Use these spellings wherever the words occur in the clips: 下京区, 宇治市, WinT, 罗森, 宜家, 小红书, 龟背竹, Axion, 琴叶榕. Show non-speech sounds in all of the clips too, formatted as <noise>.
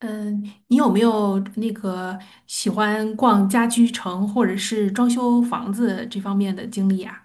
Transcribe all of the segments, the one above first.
嗯，你有没有那个喜欢逛家居城或者是装修房子这方面的经历啊？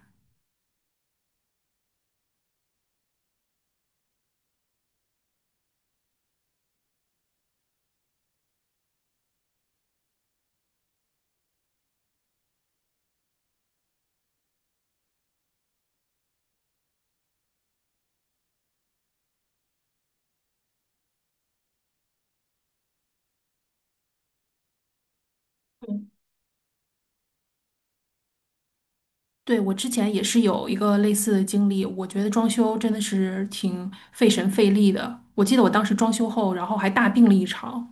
对，我之前也是有一个类似的经历，我觉得装修真的是挺费神费力的。我记得我当时装修后，然后还大病了一场，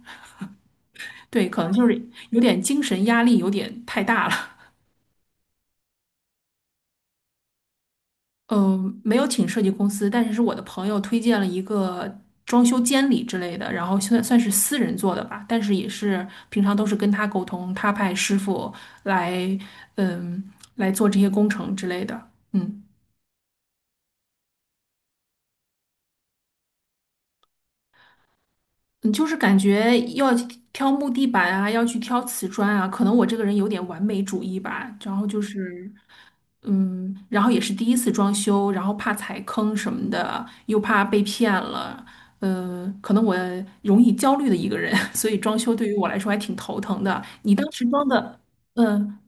对，可能就是有点精神压力有点太大了。嗯，没有请设计公司，但是是我的朋友推荐了一个装修监理之类的，然后算是私人做的吧，但是也是平常都是跟他沟通，他派师傅来，嗯，来做这些工程之类的。嗯。你就是感觉要挑木地板啊，要去挑瓷砖啊，可能我这个人有点完美主义吧。然后就是，然后也是第一次装修，然后怕踩坑什么的，又怕被骗了，嗯，可能我容易焦虑的一个人，<laughs> 所以装修对于我来说还挺头疼的。你当时装的，嗯，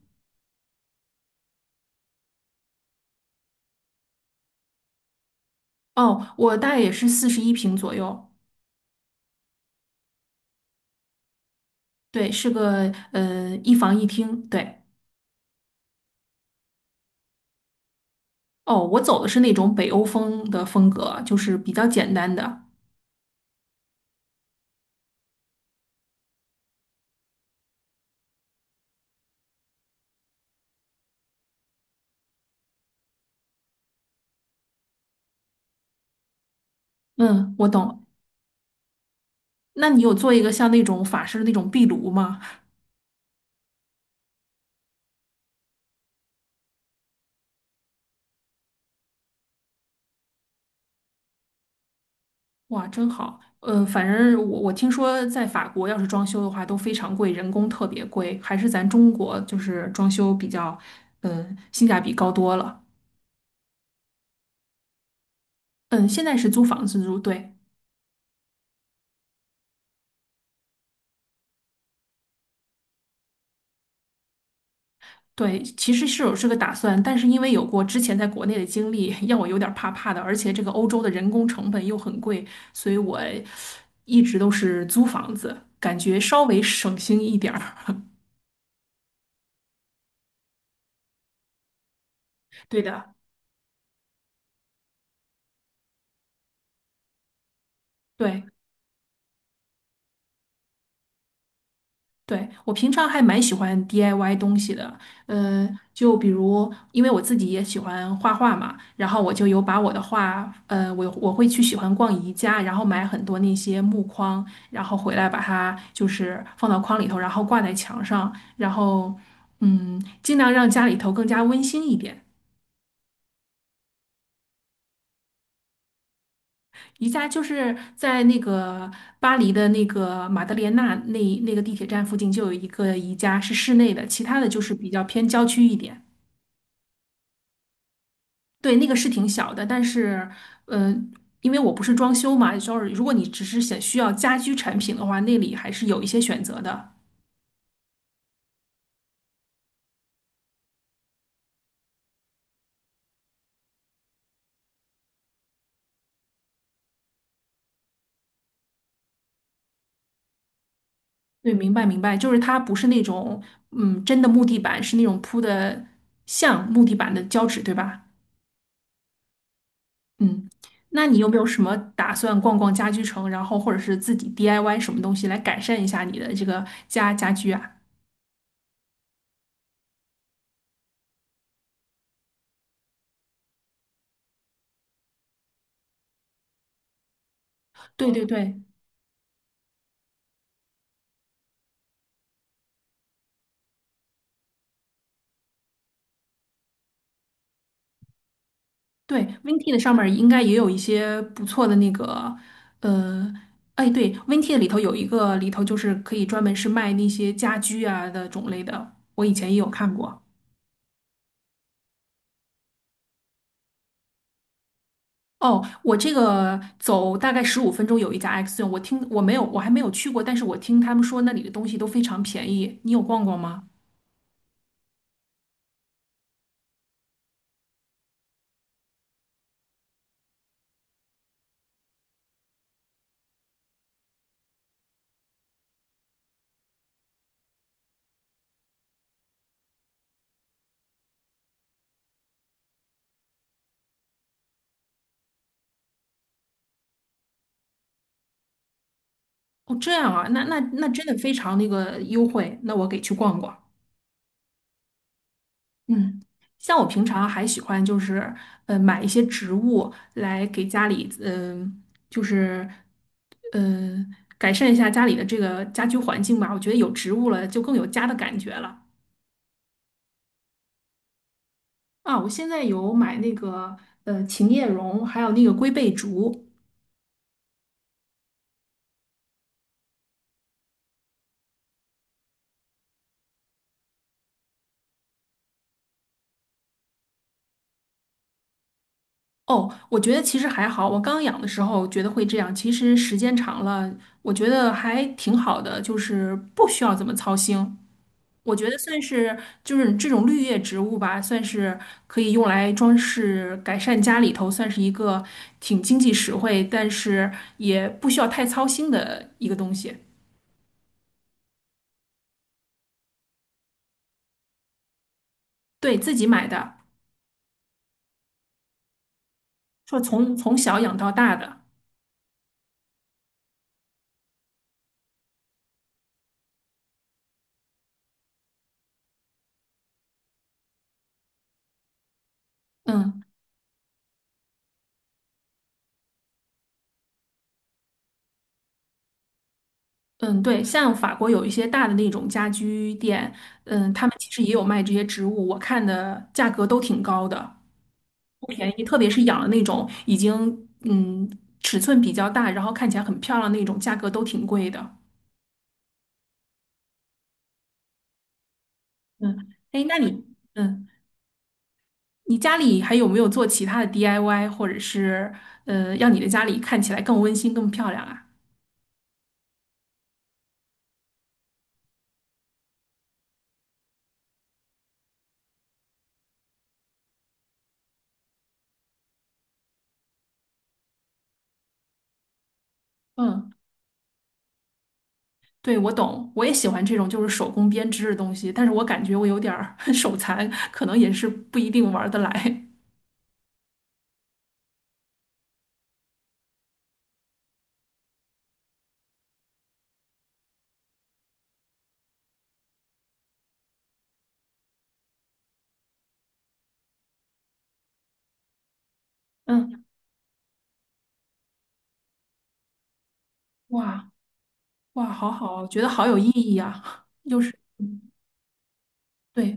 哦，我大概也是41平左右，对，是个一房一厅，对。哦，我走的是那种北欧风的风格，就是比较简单的。嗯，我懂。那你有做一个像那种法式的那种壁炉吗？哇，真好。反正我听说在法国要是装修的话都非常贵，人工特别贵，还是咱中国就是装修比较，嗯，性价比高多了。嗯，现在是租房子住，对对，其实是有这个打算，但是因为有过之前在国内的经历，让我有点儿怕怕的，而且这个欧洲的人工成本又很贵，所以我一直都是租房子，感觉稍微省心一点儿。<laughs> 对的，对。对，我平常还蛮喜欢 DIY 东西的，就比如因为我自己也喜欢画画嘛，然后我就有把我的画，我会去喜欢逛宜家，然后买很多那些木框，然后回来把它就是放到框里头，然后挂在墙上，然后尽量让家里头更加温馨一点。宜家就是在那个巴黎的那个马德莲娜那个地铁站附近就有一个宜家，是室内的，其他的就是比较偏郊区一点。对，那个是挺小的，但是，呃，因为我不是装修嘛，就是如果你只是想需要家居产品的话，那里还是有一些选择的。对，明白明白，就是它不是那种，真的木地板，是那种铺的像木地板的胶纸，对吧？嗯，那你有没有什么打算逛逛家居城，然后或者是自己 DIY 什么东西来改善一下你的这个家居啊？对对对，对，WinT 的上面儿应该也有一些不错的那个，呃，哎，对，WinT 的里头有一个里头就是可以专门是卖那些家居啊的种类的，我以前也有看过。哦，我这个走大概15分钟有一家 Axion，我还没有去过，但是我听他们说那里的东西都非常便宜，你有逛逛吗？哦，这样啊，那真的非常那个优惠，那我给去逛逛。嗯，像我平常还喜欢就是，买一些植物来给家里，就是，嗯、改善一下家里的这个家居环境吧。我觉得有植物了，就更有家的感觉了。啊，我现在有买那个，琴叶榕，还有那个龟背竹。哦，我觉得其实还好。我刚养的时候觉得会这样，其实时间长了，我觉得还挺好的，就是不需要怎么操心。我觉得算是就是这种绿叶植物吧，算是可以用来装饰、改善家里头，算是一个挺经济实惠，但是也不需要太操心的一个东西。对，自己买的，说从小养到大的，嗯嗯，对，像法国有一些大的那种家居店，嗯，他们其实也有卖这些植物，我看的价格都挺高的，不便宜，特别是养了那种已经尺寸比较大，然后看起来很漂亮那种，价格都挺贵的。嗯，哎，那你，嗯，你家里还有没有做其他的 DIY，或者是，让你的家里看起来更温馨、更漂亮啊？嗯，对，我懂，我也喜欢这种就是手工编织的东西，但是我感觉我有点儿 <laughs> 手残，可能也是不一定玩得来。嗯，哇哇，好好，觉得好有意义啊，<laughs> 又是，嗯对，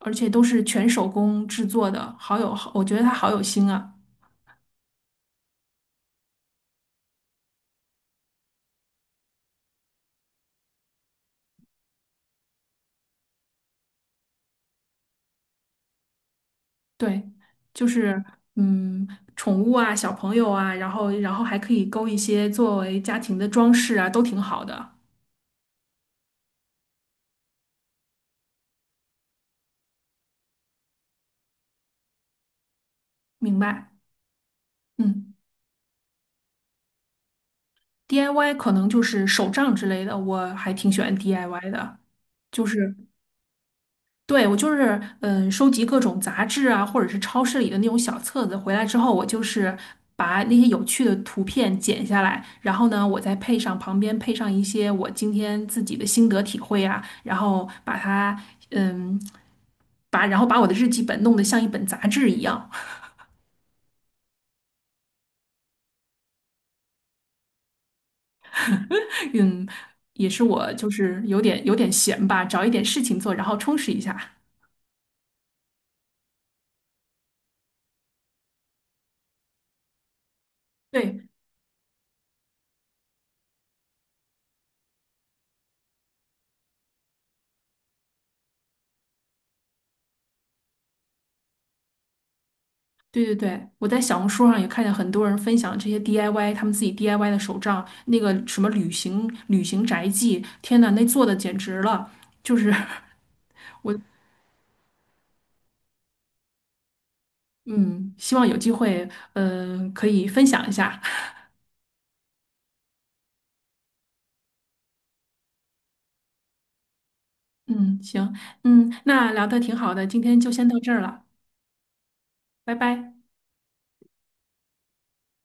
而且都是全手工制作的，我觉得它好有心啊。对，就是嗯，宠物啊，小朋友啊，然后还可以勾一些作为家庭的装饰啊，都挺好的。明白，嗯，DIY 可能就是手账之类的，我还挺喜欢 DIY 的，就是对我就是收集各种杂志啊，或者是超市里的那种小册子，回来之后我就是把那些有趣的图片剪下来，然后呢，我再配上旁边配上一些我今天自己的心得体会啊，然后把它。嗯，然后把我的日记本弄得像一本杂志一样，<laughs> 嗯，也是我就是有点闲吧，找一点事情做，然后充实一下。对对对对，我在小红书上也看见很多人分享这些 DIY，他们自己 DIY 的手账，那个什么旅行宅记，天呐，那做的简直了，就是 <laughs> 嗯，希望有机会，可以分享一下。<laughs> 嗯，行，嗯，那聊的挺好的，今天就先到这儿了，拜拜。